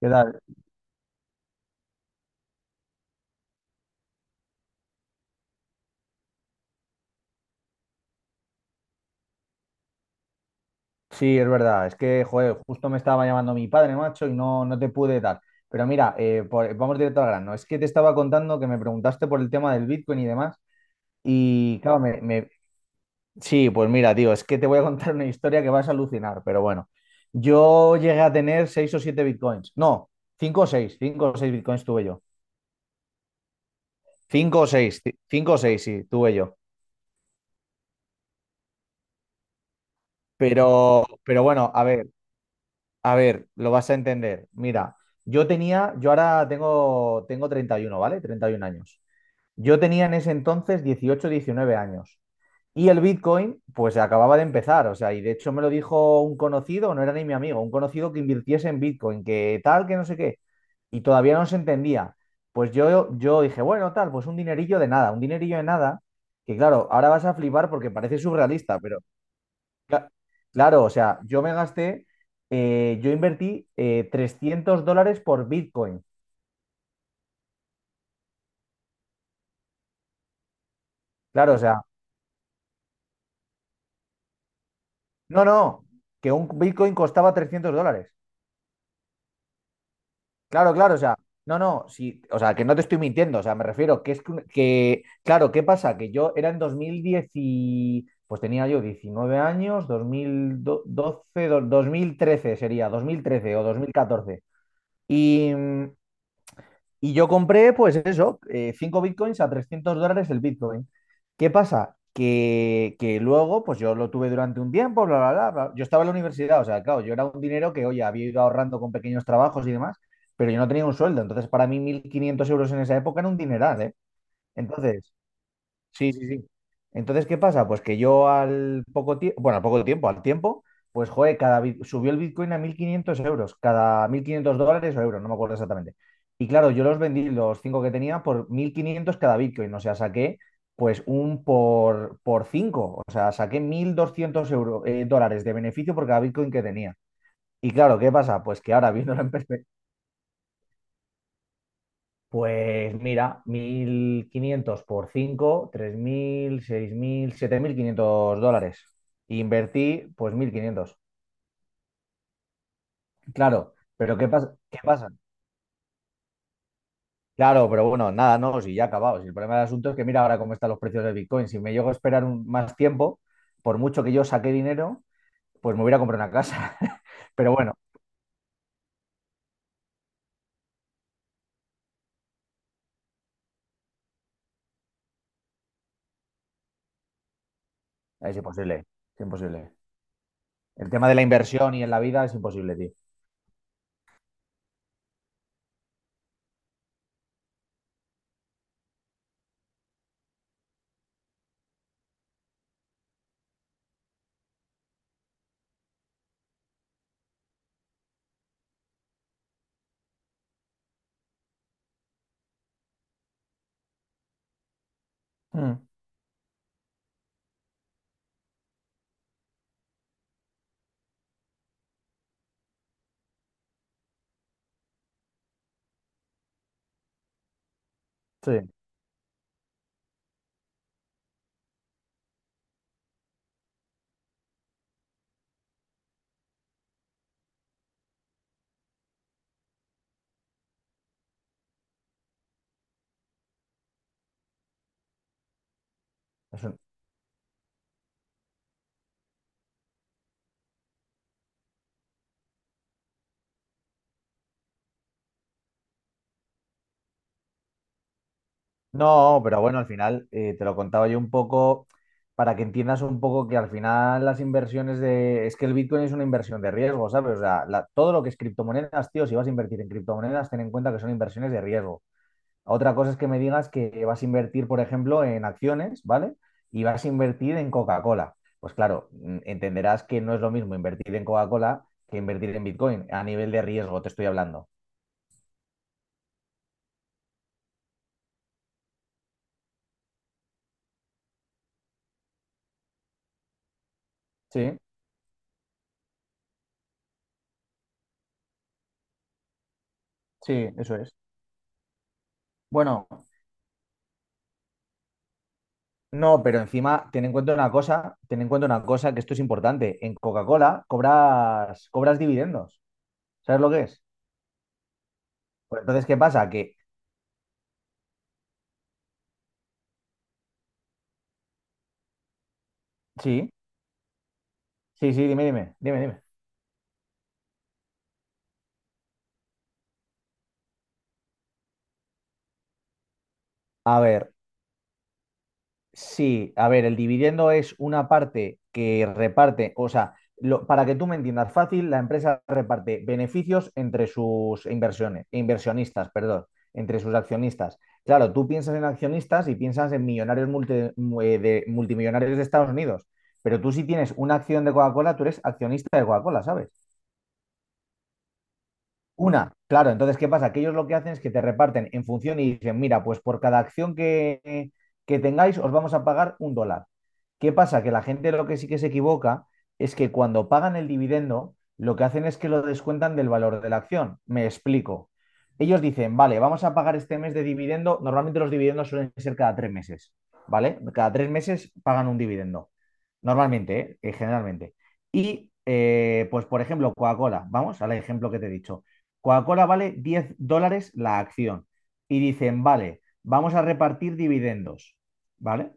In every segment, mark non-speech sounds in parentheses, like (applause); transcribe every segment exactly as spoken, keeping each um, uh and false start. ¿Qué tal? Sí, es verdad. Es que, joder, justo me estaba llamando mi padre, macho, y no, no te pude dar. Pero mira, eh, por- vamos directo al grano. Es que te estaba contando que me preguntaste por el tema del Bitcoin y demás. Y claro, me, me- sí, pues mira, tío, es que te voy a contar una historia que vas a alucinar, pero bueno. Yo llegué a tener seis o siete Bitcoins. No, cinco o seis, cinco o seis Bitcoins tuve yo. Cinco o seis, cinco o seis, sí, tuve yo. Pero, pero bueno, a ver. A ver, lo vas a entender. Mira, yo tenía, yo ahora tengo, tengo treinta y uno, ¿vale? treinta y uno años. Yo tenía en ese entonces 18, diecinueve años. Y el Bitcoin, pues acababa de empezar, o sea, y de hecho me lo dijo un conocido, no era ni mi amigo, un conocido que invirtiese en Bitcoin, que tal, que no sé qué, y todavía no se entendía. Pues yo, yo dije, bueno, tal, pues un dinerillo de nada, un dinerillo de nada, que claro, ahora vas a flipar porque parece surrealista, pero Cla- claro, o sea, yo me gasté, eh, yo invertí eh, trescientos dólares por Bitcoin. Claro, o sea, no, no, que un Bitcoin costaba trescientos dólares. Claro, claro, o sea, no, no, sí, o sea, que no te estoy mintiendo, o sea, me refiero que es que, que- claro, ¿qué pasa? Que yo era en dos mil diez y, pues tenía yo diecinueve años, dos mil doce, do- dos mil trece sería, dos mil trece o dos mil catorce. Y, mm, Y yo compré, pues eso, eh, cinco bitcoins a trescientos dólares el bitcoin. ¿Qué pasa? Que, que luego, pues yo lo tuve durante un tiempo, bla, bla, bla, bla. Yo estaba en la universidad, o sea, claro, yo era un dinero que, oye, había ido ahorrando con pequeños trabajos y demás, pero yo no tenía un sueldo. Entonces, para mí, mil quinientos euros en esa época era un dineral, ¿eh? Entonces, sí, sí, sí. Entonces, ¿qué pasa? Pues que yo al poco tiempo, bueno, al poco tiempo, al tiempo, pues joder, cada bit- subió el Bitcoin a mil quinientos euros, cada mil quinientos dólares o euros, no me acuerdo exactamente. Y claro, yo los vendí, los cinco que tenía, por mil quinientos cada Bitcoin, o sea, saqué pues un por, por cinco, o sea, saqué mil doscientos euros, dólares de beneficio por cada Bitcoin que tenía. Y claro, ¿qué pasa? Pues que ahora, viéndolo en perspectiva, pues mira, mil quinientos por cinco, tres mil, seis mil, siete mil quinientos dólares. Y invertí pues mil quinientos. Claro, pero ¿qué pasa? ¿Qué pasa? Claro, pero bueno, nada, no, si ya acabado. Si el problema del asunto es que mira ahora cómo están los precios de Bitcoin. Si me llego a esperar un- más tiempo, por mucho que yo saque dinero, pues me hubiera comprado una casa. (laughs) Pero bueno, es imposible, es imposible. El tema de la inversión y en la vida es imposible, tío. Mm, sí, es no, pero bueno, al final eh, te lo contaba yo un poco para que entiendas un poco que al final las inversiones de... Es que el Bitcoin es una inversión de riesgo, ¿sabes? O sea, la- todo lo que es criptomonedas, tío, si vas a invertir en criptomonedas, ten en cuenta que son inversiones de riesgo. Otra cosa es que me digas que vas a invertir, por ejemplo, en acciones, ¿vale? Y vas a invertir en Coca-Cola. Pues claro, mm, entenderás que no es lo mismo invertir en Coca-Cola que invertir en Bitcoin. A nivel de riesgo te estoy hablando. Sí, sí, eso es. Bueno, no, pero encima ten en cuenta una cosa, ten en cuenta una cosa que esto es importante. En Coca-Cola cobras, cobras dividendos. ¿Sabes lo que es? Pues entonces, ¿qué pasa? Que sí, sí, sí, dime, dime, dime, dime. A ver, sí, a ver, el dividendo es una parte que reparte, o sea, lo- para que tú me entiendas fácil, la empresa reparte beneficios entre sus inversiones, inversionistas, perdón, entre sus accionistas. Claro, tú piensas en accionistas y piensas en millonarios multi- mu- eh, de, multimillonarios de Estados Unidos, pero tú si tienes una acción de Coca-Cola, tú eres accionista de Coca-Cola, ¿sabes? Una, claro, entonces, ¿qué pasa? Que ellos lo que hacen es que te reparten en función y dicen, mira, pues por cada acción que, que tengáis os vamos a pagar un dólar. ¿Qué pasa? Que la gente lo que sí que se equivoca es que cuando pagan el dividendo, lo que hacen es que lo descuentan del valor de la acción. Me explico. Ellos dicen, vale, vamos a pagar este mes de dividendo. Normalmente los dividendos suelen ser cada tres meses, ¿vale? Cada tres meses pagan un dividendo. Normalmente, ¿eh? Eh, generalmente. Y, eh, pues, por ejemplo, Coca-Cola, vamos al ejemplo que te he dicho. Coca-Cola vale diez dólares la acción. Y dicen, vale, vamos a repartir dividendos, ¿vale?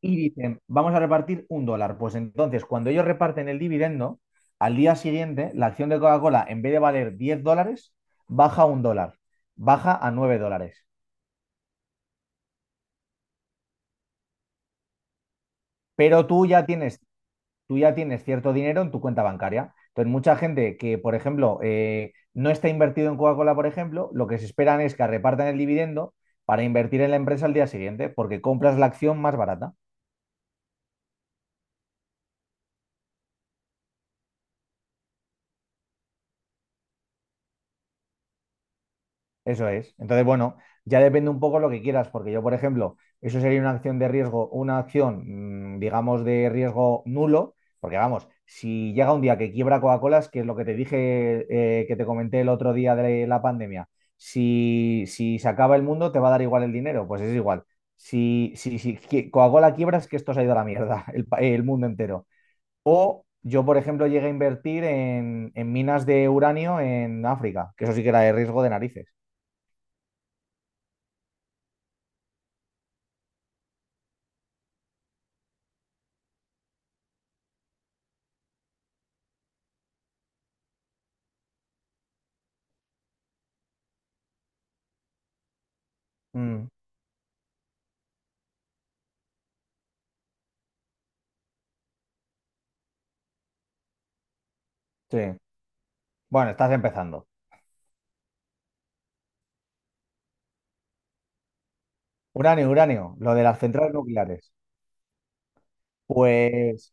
Y dicen, vamos a repartir un dólar. Pues entonces, cuando ellos reparten el dividendo, al día siguiente, la acción de Coca-Cola, en vez de valer diez dólares, baja un dólar, baja a nueve dólares. Pero tú ya tienes tú ya tienes cierto dinero en tu cuenta bancaria. Entonces, mucha gente que, por ejemplo, eh, no está invertido en Coca-Cola, por ejemplo, lo que se esperan es que repartan el dividendo para invertir en la empresa al día siguiente, porque compras la acción más barata. Eso es. Entonces, bueno, ya depende un poco lo que quieras, porque yo, por ejemplo, eso sería una acción de riesgo, una acción, mm, digamos, de riesgo nulo, porque vamos, si llega un día que quiebra Coca-Cola, es que es lo que te dije, eh, que te comenté el otro día de la pandemia, si, si se acaba el mundo, te va a dar igual el dinero, pues es igual. Si, si, si qui- Coca-Cola quiebra, es que esto se ha ido a la mierda, (laughs) el, pa- el mundo entero. O yo, por ejemplo, llegué a invertir en, en minas de uranio en África, que eso sí que era de riesgo de narices. Mm. Sí. Bueno, estás empezando. Uranio, uranio, lo de las centrales nucleares. Pues,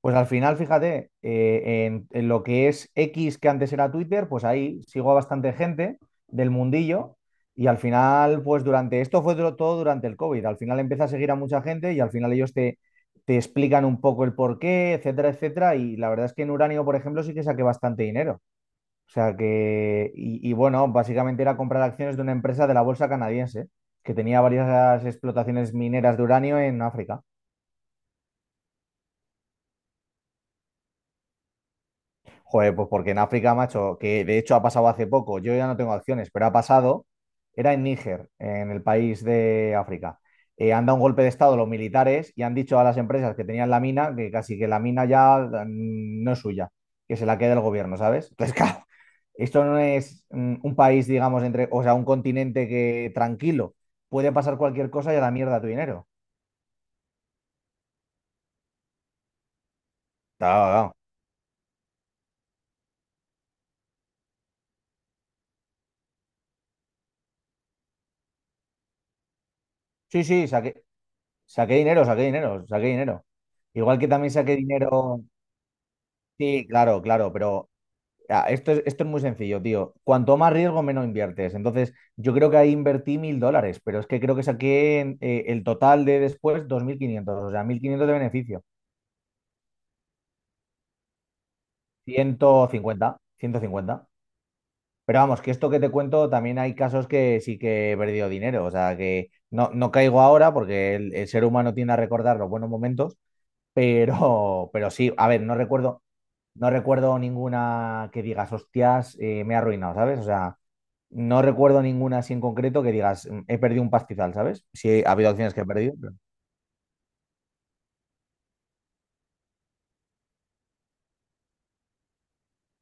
pues al final, fíjate, eh, en, en lo que es X, que antes era Twitter, pues ahí sigo a bastante gente del mundillo. Y al final, pues durante esto fue duro- todo durante el COVID. Al final empieza a seguir a mucha gente y al final ellos te, te explican un poco el porqué, etcétera, etcétera. Y la verdad es que en uranio, por ejemplo, sí que saqué bastante dinero. O sea que, y, y bueno, básicamente era comprar acciones de una empresa de la bolsa canadiense que tenía varias explotaciones mineras de uranio en África. Joder, pues porque en África, macho, que de hecho ha pasado hace poco, yo ya no tengo acciones, pero ha pasado, era en Níger, en el país de África. Eh, han dado un golpe de estado los militares y han dicho a las empresas que tenían la mina que casi que la mina ya mm, no es suya, que se la quede el gobierno, ¿sabes? Entonces, (laughs) claro, esto no es mm, un país, digamos, entre, o sea, un continente que tranquilo, puede pasar cualquier cosa y a la mierda tu dinero. Claro, claro. Sí, sí, saqué, saqué dinero, saqué dinero, saqué dinero. Igual que también saqué dinero. Sí, claro, claro, pero ah, esto es, esto es muy sencillo, tío. Cuanto más riesgo, menos inviertes. Entonces, yo creo que ahí invertí mil dólares, pero es que creo que saqué en, eh, el total de después dos mil quinientos, o sea, mil quinientos de beneficio. Ciento cincuenta, ciento cincuenta. Pero vamos, que esto que te cuento, también hay casos que sí que he perdido dinero. O sea, que no, no caigo ahora porque el, el ser humano tiende a recordar los buenos momentos, pero, pero sí, a ver, no recuerdo. No recuerdo ninguna que digas, hostias, eh, me he arruinado, ¿sabes? O sea, no recuerdo ninguna así en concreto que digas, "Mm, he perdido un pastizal", ¿sabes? Sí, ha habido acciones que he perdido. Pero,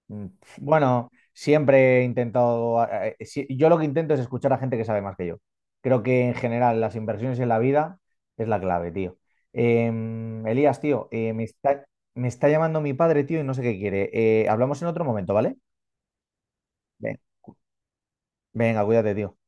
mm, pf, bueno, siempre he intentado, eh, sí, yo lo que intento es escuchar a gente que sabe más que yo. Creo que en general las inversiones en la vida es la clave, tío. Em, Elías, tío, eh, me está, me está llamando mi padre, tío, y no sé qué quiere. Eh, hablamos en otro momento, ¿vale? Ve- Venga, cuídate, tío.